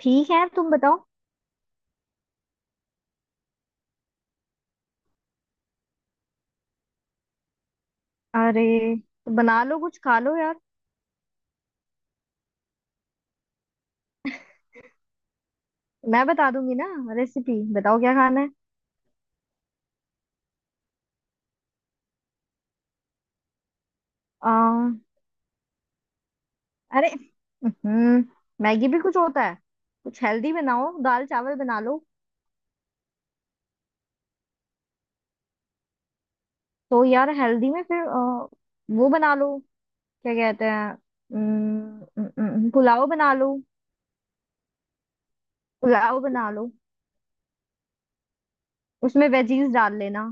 ठीक है तुम बताओ। अरे। तो बना लो कुछ खा लो यार। मैं बता दूंगी ना। रेसिपी बताओ क्या खाना है। आ, अरे। हम्म। मैगी भी कुछ होता है। कुछ हेल्दी बनाओ दाल चावल बना लो। तो यार हेल्दी में फिर वो बना लो। क्या कहते हैं पुलाव बना लो। पुलाव बना लो। उसमें वेजीज डाल लेना।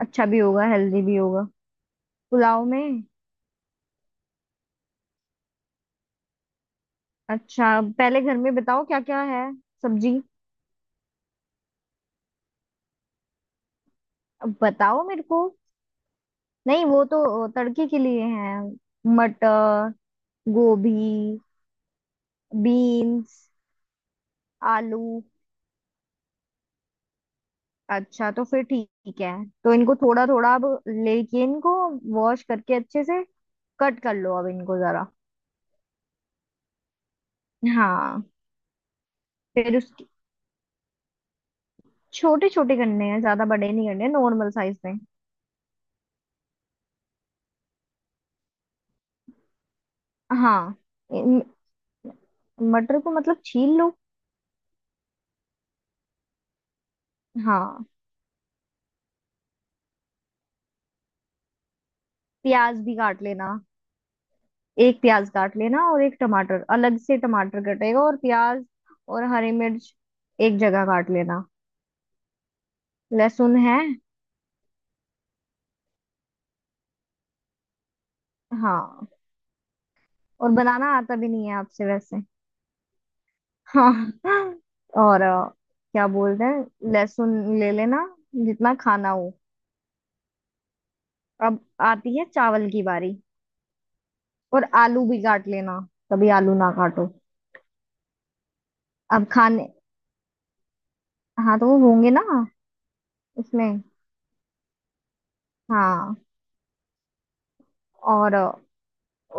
अच्छा भी होगा हेल्दी भी होगा पुलाव में। अच्छा पहले घर में बताओ क्या क्या है। सब्जी। अब बताओ मेरे को। नहीं वो तो तड़के के लिए हैं। मटर। गोभी। बीन्स। आलू। अच्छा तो फिर ठीक है। तो इनको थोड़ा थोड़ा अब लेके इनको वॉश करके अच्छे से कट कर लो अब इनको जरा। हाँ। फिर उसके छोटे छोटे करने हैं ज्यादा बड़े नहीं करने नॉर्मल साइज में। हाँ। इन- मटर को मतलब छील लो। हाँ। प्याज भी काट लेना। एक प्याज काट लेना और एक टमाटर अलग से टमाटर कटेगा और प्याज और हरी मिर्च एक जगह काट लेना। लहसुन है। हाँ। और बनाना आता भी नहीं है आपसे वैसे। हाँ। और क्या बोलते हैं लहसुन ले लेना जितना खाना हो। अब आती है चावल की बारी। और आलू भी काट लेना। कभी आलू ना काटो। अब खाने। हाँ तो वो होंगे ना उसमें। हाँ और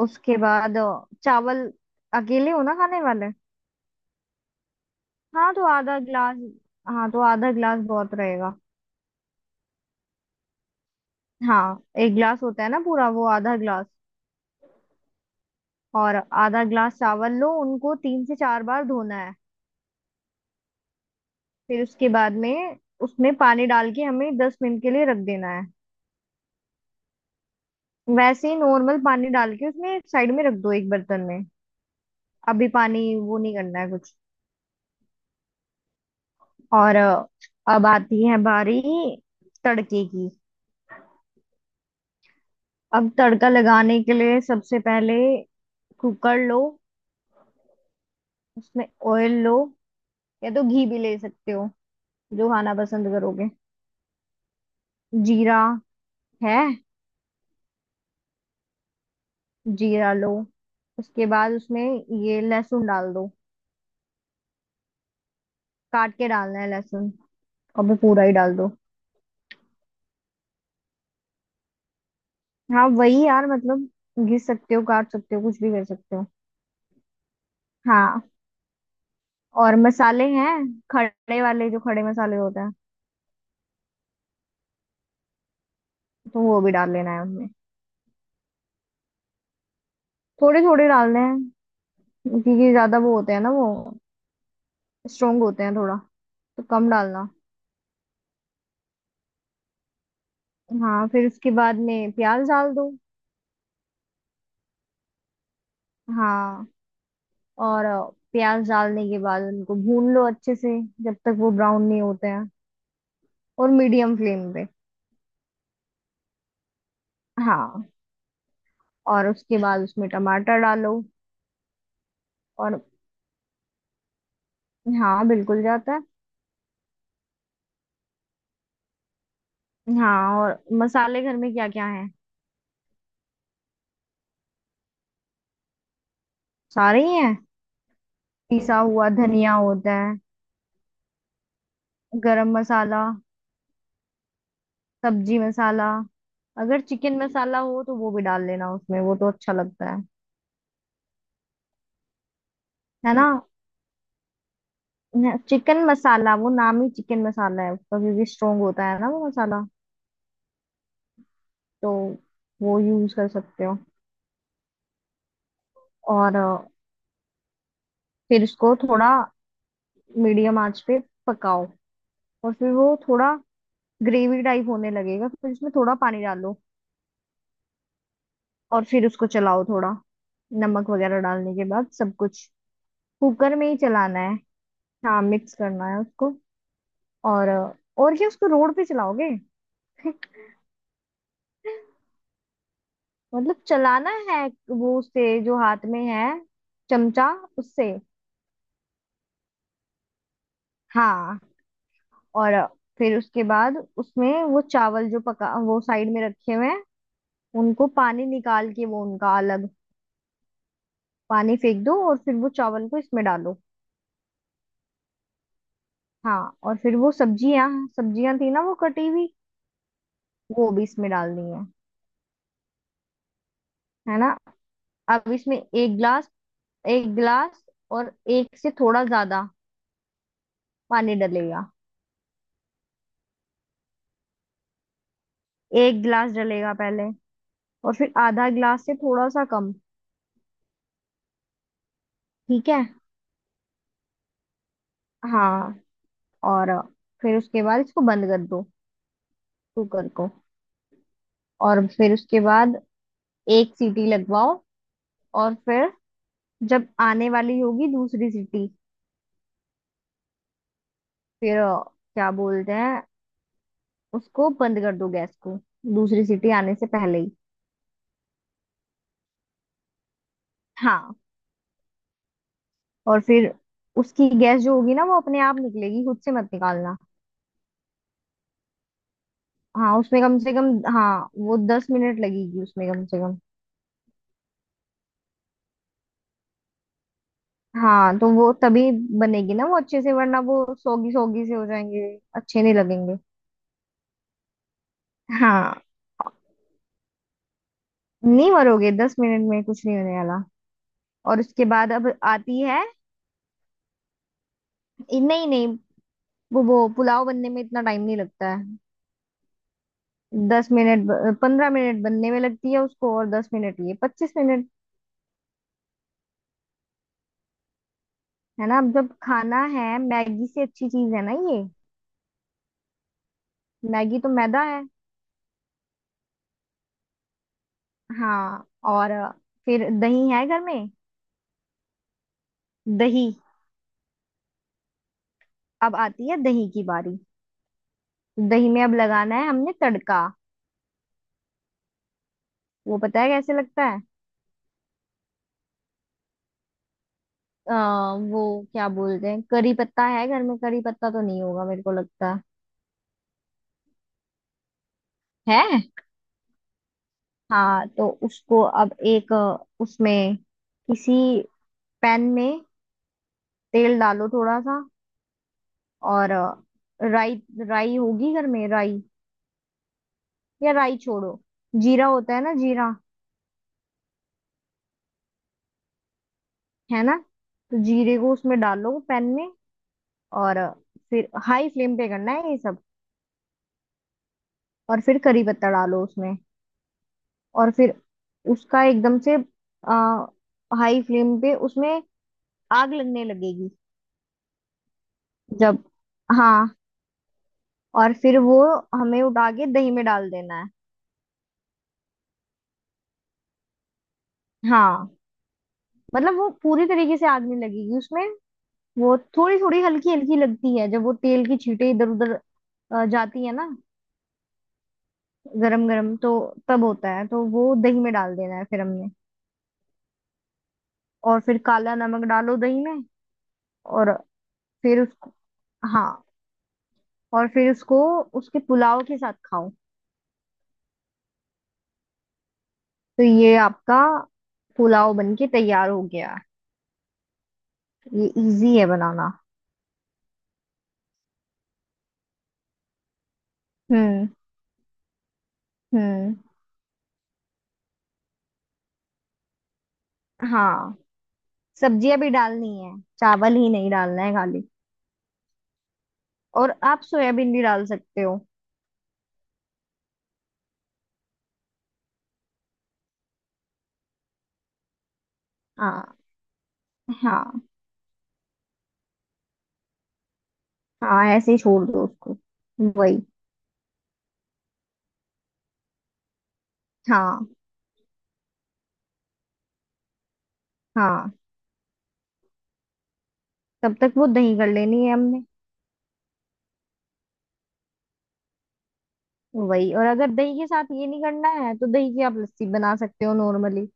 उसके बाद चावल अकेले हो ना खाने वाले। हाँ तो आधा ग्लास। हाँ तो आधा ग्लास बहुत रहेगा। हाँ एक ग्लास होता है ना पूरा वो आधा ग्लास। और आधा ग्लास चावल लो उनको 3 से 4 बार धोना है। फिर उसके बाद में उसमें पानी डाल के हमें 10 मिनट के लिए रख देना है। वैसे ही नॉर्मल पानी डाल के उसमें साइड में रख दो एक बर्तन में। अभी पानी वो नहीं करना है कुछ। और अब आती है बारी तड़के की। अब तड़का लगाने के लिए सबसे पहले कुकर लो। उसमें ऑयल लो। या तो घी भी ले सकते हो जो खाना पसंद करोगे। जीरा है। जीरा लो। उसके बाद उसमें ये लहसुन डाल दो। काट के डालना है लहसुन। और वो पूरा ही डाल दो। हाँ वही यार मतलब घिस सकते हो काट सकते हो कुछ भी कर सकते हो। हाँ। और मसाले हैं खड़े वाले जो खड़े मसाले होते हैं। तो वो भी डाल लेना है उनमें। थोड़े थोड़े डालने हैं क्योंकि ज्यादा वो होते हैं ना वो स्ट्रोंग होते हैं थोड़ा। तो कम डालना। हाँ फिर उसके बाद में प्याज डाल दो। हाँ और प्याज डालने के बाद उनको भून लो अच्छे से जब तक वो ब्राउन नहीं होते हैं। और मीडियम फ्लेम पे। हाँ और उसके बाद उसमें टमाटर डालो। और हाँ बिल्कुल जाता है। हाँ और मसाले घर में क्या क्या है। सारे ही हैं। पिसा हुआ धनिया होता है। गरम मसाला। सब्जी मसाला। अगर चिकन मसाला हो तो वो भी डाल लेना उसमें वो तो अच्छा लगता है। है ना। चिकन मसाला वो नाम ही चिकन मसाला है उसका क्योंकि स्ट्रोंग होता है ना वो मसाला। तो वो यूज कर सकते हो। और फिर इसको थोड़ा मीडियम आंच पे पकाओ। और फिर वो थोड़ा ग्रेवी टाइप होने लगेगा फिर इसमें थोड़ा पानी डालो। और फिर उसको चलाओ थोड़ा नमक वगैरह डालने के बाद सब कुछ। कुकर में ही चलाना है। हाँ मिक्स करना है उसको। और और क्या उसको रोड पे चलाओगे। मतलब चलाना है वो उससे जो हाथ में है चमचा उससे। हाँ। और फिर उसके बाद उसमें वो चावल जो पका वो साइड में रखे हुए हैं उनको पानी निकाल के वो उनका अलग पानी फेंक दो और फिर वो चावल को इसमें डालो। हाँ और फिर वो सब्जियां सब्जियां थी ना वो कटी हुई वो भी इसमें डालनी है। है ना। अब इसमें एक गिलास और एक से थोड़ा ज्यादा पानी डलेगा। एक गिलास डलेगा पहले। और फिर आधा गिलास से थोड़ा सा कम। ठीक है। हाँ और फिर उसके बाद इसको बंद कर दो कुकर को। और फिर उसके बाद एक सीटी लगवाओ। और फिर जब आने वाली होगी दूसरी सीटी फिर क्या बोलते हैं उसको बंद कर दो गैस को दूसरी सीटी आने से पहले ही। हाँ। और फिर उसकी गैस जो होगी ना वो अपने आप निकलेगी खुद से मत निकालना। हाँ उसमें कम से कम। हाँ वो 10 मिनट लगेगी उसमें कम से कम। हाँ तो वो तभी बनेगी ना वो अच्छे से वरना वो सोगी सोगी से हो जाएंगे अच्छे नहीं लगेंगे। हाँ नहीं मरोगे 10 मिनट में कुछ नहीं होने वाला। और उसके बाद अब आती है नहीं नहीं वो पुलाव बनने में इतना टाइम नहीं लगता है। 10 मिनट 15 मिनट बनने में लगती है उसको और 10 मिनट ये 25 मिनट। है ना अब जब खाना है मैगी से अच्छी चीज है ना ये। मैगी तो मैदा है। हाँ और फिर दही है घर में। दही। अब आती है दही की बारी। दही में अब लगाना है हमने तड़का। वो पता है कैसे लगता है। वो क्या बोलते हैं करी पत्ता है घर में करी पत्ता तो नहीं होगा मेरे को लगता है। हाँ तो उसको अब एक उसमें किसी पैन में तेल डालो थोड़ा सा। और राई राई होगी घर में राई। या राई छोड़ो। जीरा होता है ना जीरा। है ना। तो जीरे को उसमें डालो पैन में। और फिर हाई फ्लेम पे करना है ये सब। और फिर करी पत्ता डालो उसमें। और फिर उसका एकदम से हाई फ्लेम पे उसमें आग लगने लगेगी जब। हाँ और फिर वो हमें उठा के दही में डाल देना है। हाँ मतलब वो पूरी तरीके से आग नहीं लगेगी उसमें। वो थोड़ी थोड़ी हल्की हल्की लगती है जब वो तेल की छींटे इधर उधर जाती है ना। गरम गरम तो तब होता है तो वो दही में डाल देना है फिर हमने। और फिर काला नमक डालो दही में। और फिर उसको। हाँ और फिर उसको उसके पुलाव के साथ खाओ। तो ये आपका पुलाव बन के तैयार हो गया। ये इजी है बनाना। हम्म। हम्म। हाँ। सब्जियां भी डालनी है चावल ही नहीं डालना है खाली। और आप सोयाबीन भी डाल सकते हो। हाँ। हाँ। हाँ ऐसे ही छोड़ दो उसको। वही। हाँ। हाँ तब तक वो दही कर लेनी है हमने। वही और अगर दही के साथ ये नहीं करना है तो दही की आप लस्सी बना सकते हो नॉर्मली।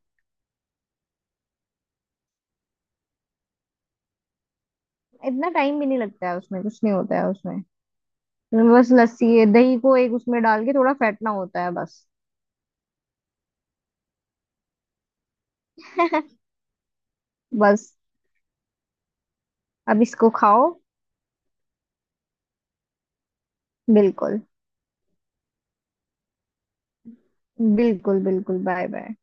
इतना टाइम भी नहीं लगता है उसमें कुछ नहीं होता है उसमें। बस लस्सी है दही को एक उसमें डाल के थोड़ा फेंटना होता है बस। बस अब इसको खाओ। बिल्कुल बिल्कुल बिल्कुल बाय बाय।